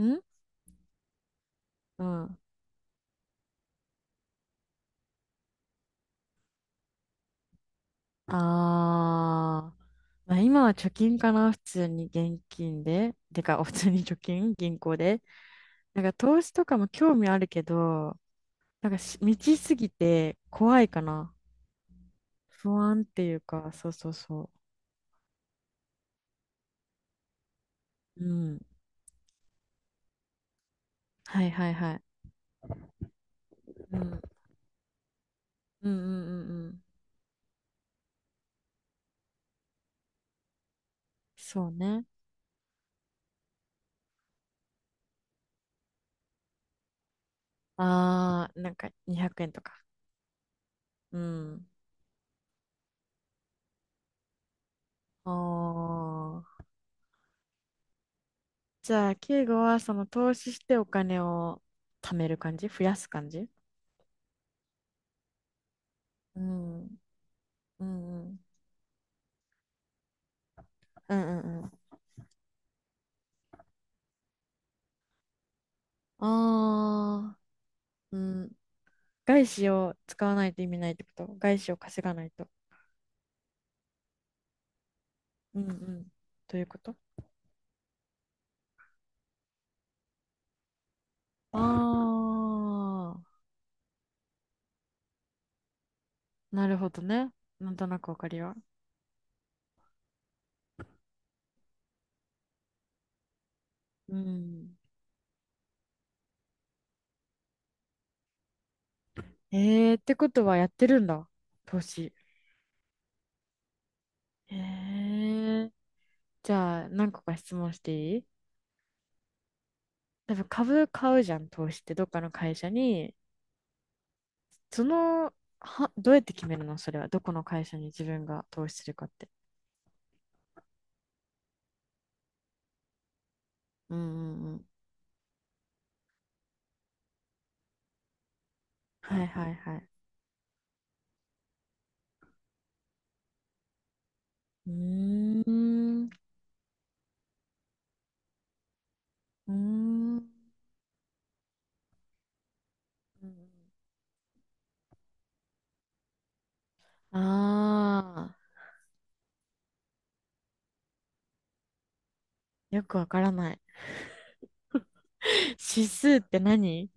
んうん。あー。まあ、今は貯金かな、普通に現金で。てか、普通に貯金、銀行で。なんか投資とかも興味あるけど、なんか未知すぎて怖いかな。不安っていうか、そうそうそう。うん。はいはいはい。うん。うんうんうんうん。そうね。あー、なんか200円とか。うん。あー。じゃあ、敬語はその投資してお金を貯める感じ増やす感じ？うん、うん、うん。うんうんうん。ああ、うん。外資を使わないと意味ないってこと？外資を稼がないと。うん、うん。ということ？ああ、なるほどね。なんとなくわかりは。うん。えー、ってことはやってるんだ。投資。えー、じゃあ、何個か質問していい？多分株買うじゃん、投資って。どっかの会社に、その、どうやって決めるの、それは？どこの会社に自分が投資するかって。うんうんうん。はいはいはい。うーん。うーん。ああ、よくわからない。指数って何？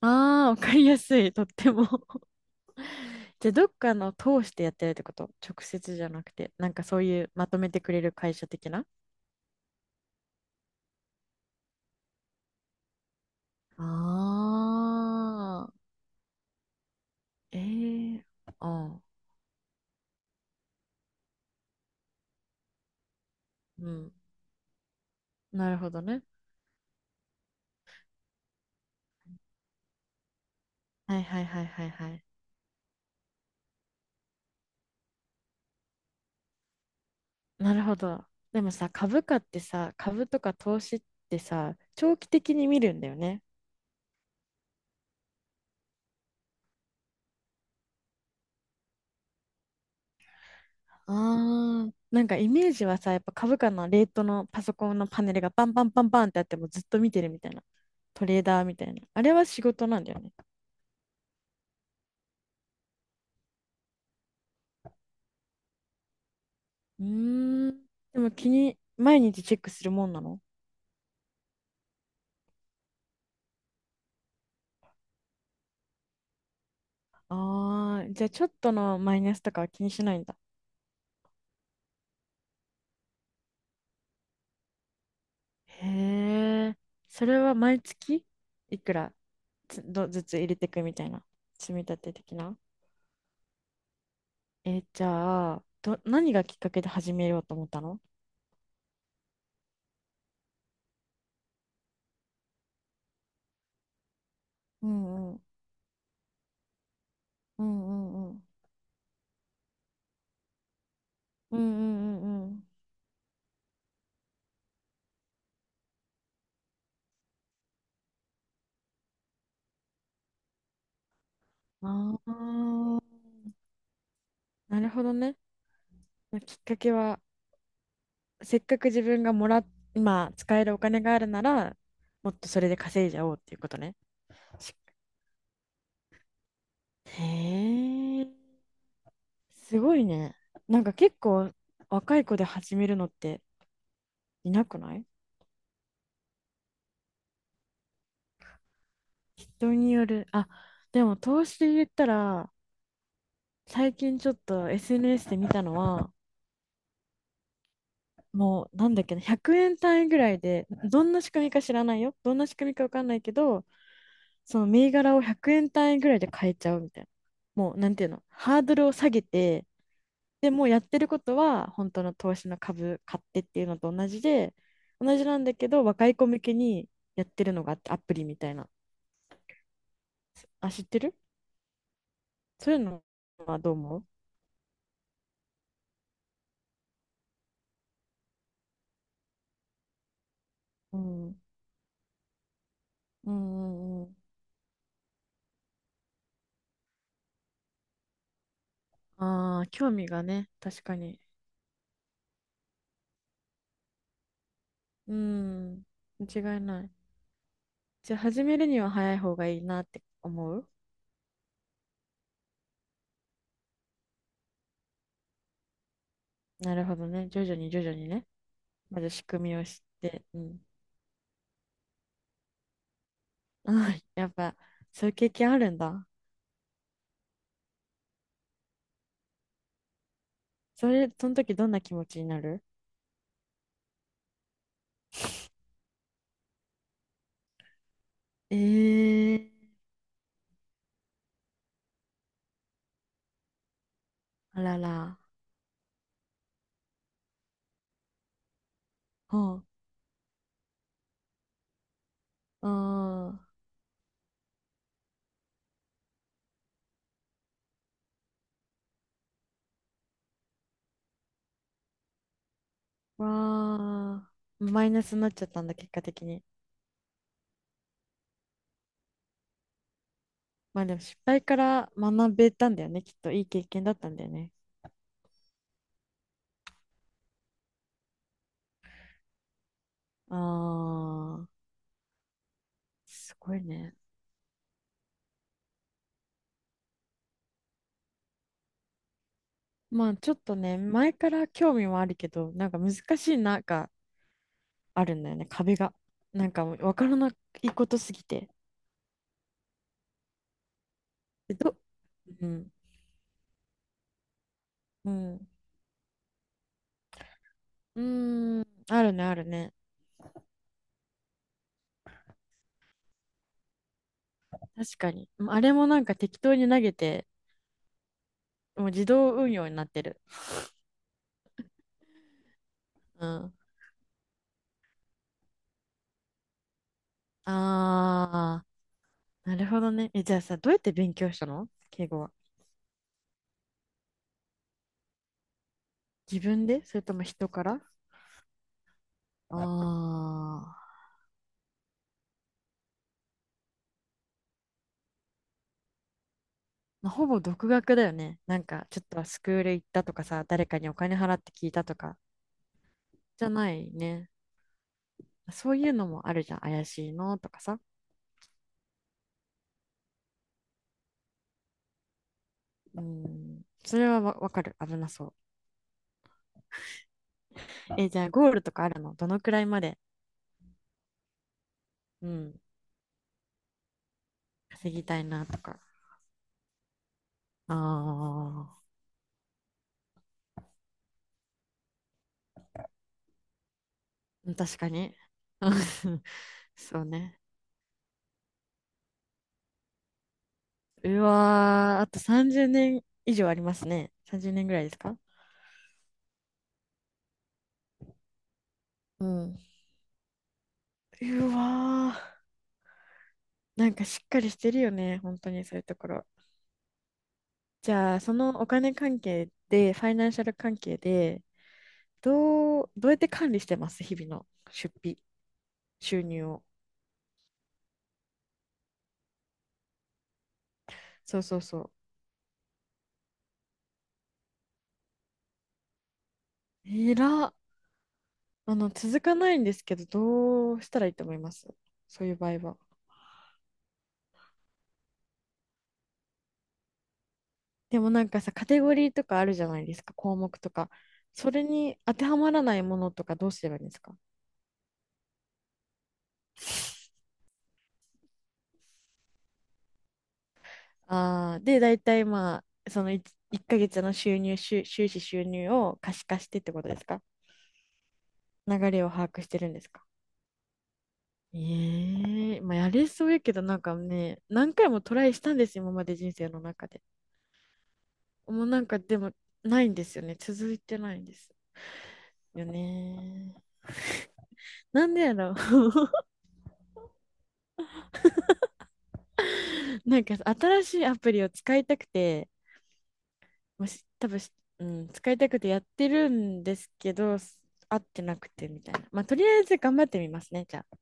ああー、わかりやすい。とっても。じゃあ、どっかの通してやってるってこと？直接じゃなくて、なんかそういうまとめてくれる会社的な？あ。ああ。ええー、ああ。うん。なるほどね。はいはいはいはいはい。なるほど。でもさ、株価ってさ、株とか投資ってさ、長期的に見るんだよね。ああ、なんかイメージはさ、やっぱ株価のレートのパソコンのパネルがバンバンバンバンってあってもずっと見てるみたいな。トレーダーみたいな。あれは仕事なんだよね。うーん。でも毎日チェックするもんなの？ああー、じゃあちょっとのマイナスとかは気にしないんだ。へえ。それは毎月いくらつどずつ入れていくみたいな。積み立て的な。えー、じゃあ、何がきっかけで始めようと思ったの？うんうんうんうんうんうんうんうんうん。ああー、なるほどね。きっかけは、せっかく自分が今使えるお金があるなら、もっとそれで稼いじゃおうっていうことね。しへえ、すごいね。なんか結構若い子で始めるのっていなくない？人による。あ、でも投資で言ったら、最近ちょっと SNS で見たのは、もう、なんだっけな、100円単位ぐらいで、どんな仕組みか知らないよ。どんな仕組みかわかんないけど、その銘柄を100円単位ぐらいで買えちゃうみたいな。もう、なんていうの、ハードルを下げて、でもうやってることは、本当の投資の株買ってっていうのと同じで、同じなんだけど、若い子向けにやってるのがあって、アプリみたいな。あ、知ってる？そういうのはどう思う？うん。うんうんうん。ああ、興味がね、確かに。うん、間違いない。じゃあ始めるには早い方がいいなって思う？なるほどね。徐々に徐々にね。まず仕組みを知って。うん。ああ、やっぱ、そういう経験あるんだ。それ、その時どんな気持ちになる？ええ、あらら。ほう。ああ、わあ。マイナスになっちゃったんだ、結果的に。まあでも失敗から学べたんだよね。きっといい経験だったんだよね。ああ、すごいね。まあちょっとね、前から興味もあるけど、なんか難しいな、あるんだよね、壁が。なんかもう分からないことすぎて。えど、うん。うん。うーん。あるね、あるね。確かに。うん、あれもなんか適当に投げて、もう自動運用になってる。うん。あー、なるほどね。え、じゃあさ、どうやって勉強したの、敬語は？自分でそれとも人から？ああ、まあ、ほぼ独学だよね。なんか、ちょっとスクール行ったとかさ、誰かにお金払って聞いたとか、じゃないね。そういうのもあるじゃん。怪しいのとかさ。うん、それはわかる。危なそう。えー、じゃあゴールとかあるの？どのくらいまで、うん、稼ぎたいなとか。ああ、確かに。そうね。うわー、あと30年以上ありますね。30年ぐらいですか？うん。うわー、なんかしっかりしてるよね。本当にそういうところ。じゃあ、そのお金関係で、ファイナンシャル関係で、どうやって管理してます？日々の出費、収入を。そうそうそう。えらっ。あの、続かないんですけど、どうしたらいいと思います？そういう場合は。でもなんかさ、カテゴリーとかあるじゃないですか、項目とか。それに当てはまらないものとかどうすればいいんですか？ああー、で、大体まあ、その 1、 ヶ月の収入、収支収入を可視化してってことですか？流れを把握してるんですか？ええ、まあやれそうやけどなんかね、何回もトライしたんですよ、今まで人生の中で。もうなんかでもないんですよね、続いてないんです、よね。なんでやろう。なんか新しいアプリを使いたくて、もし多分し、うん、使いたくてやってるんですけど、合ってなくてみたいな。まあ、とりあえず頑張ってみますね、じゃあ。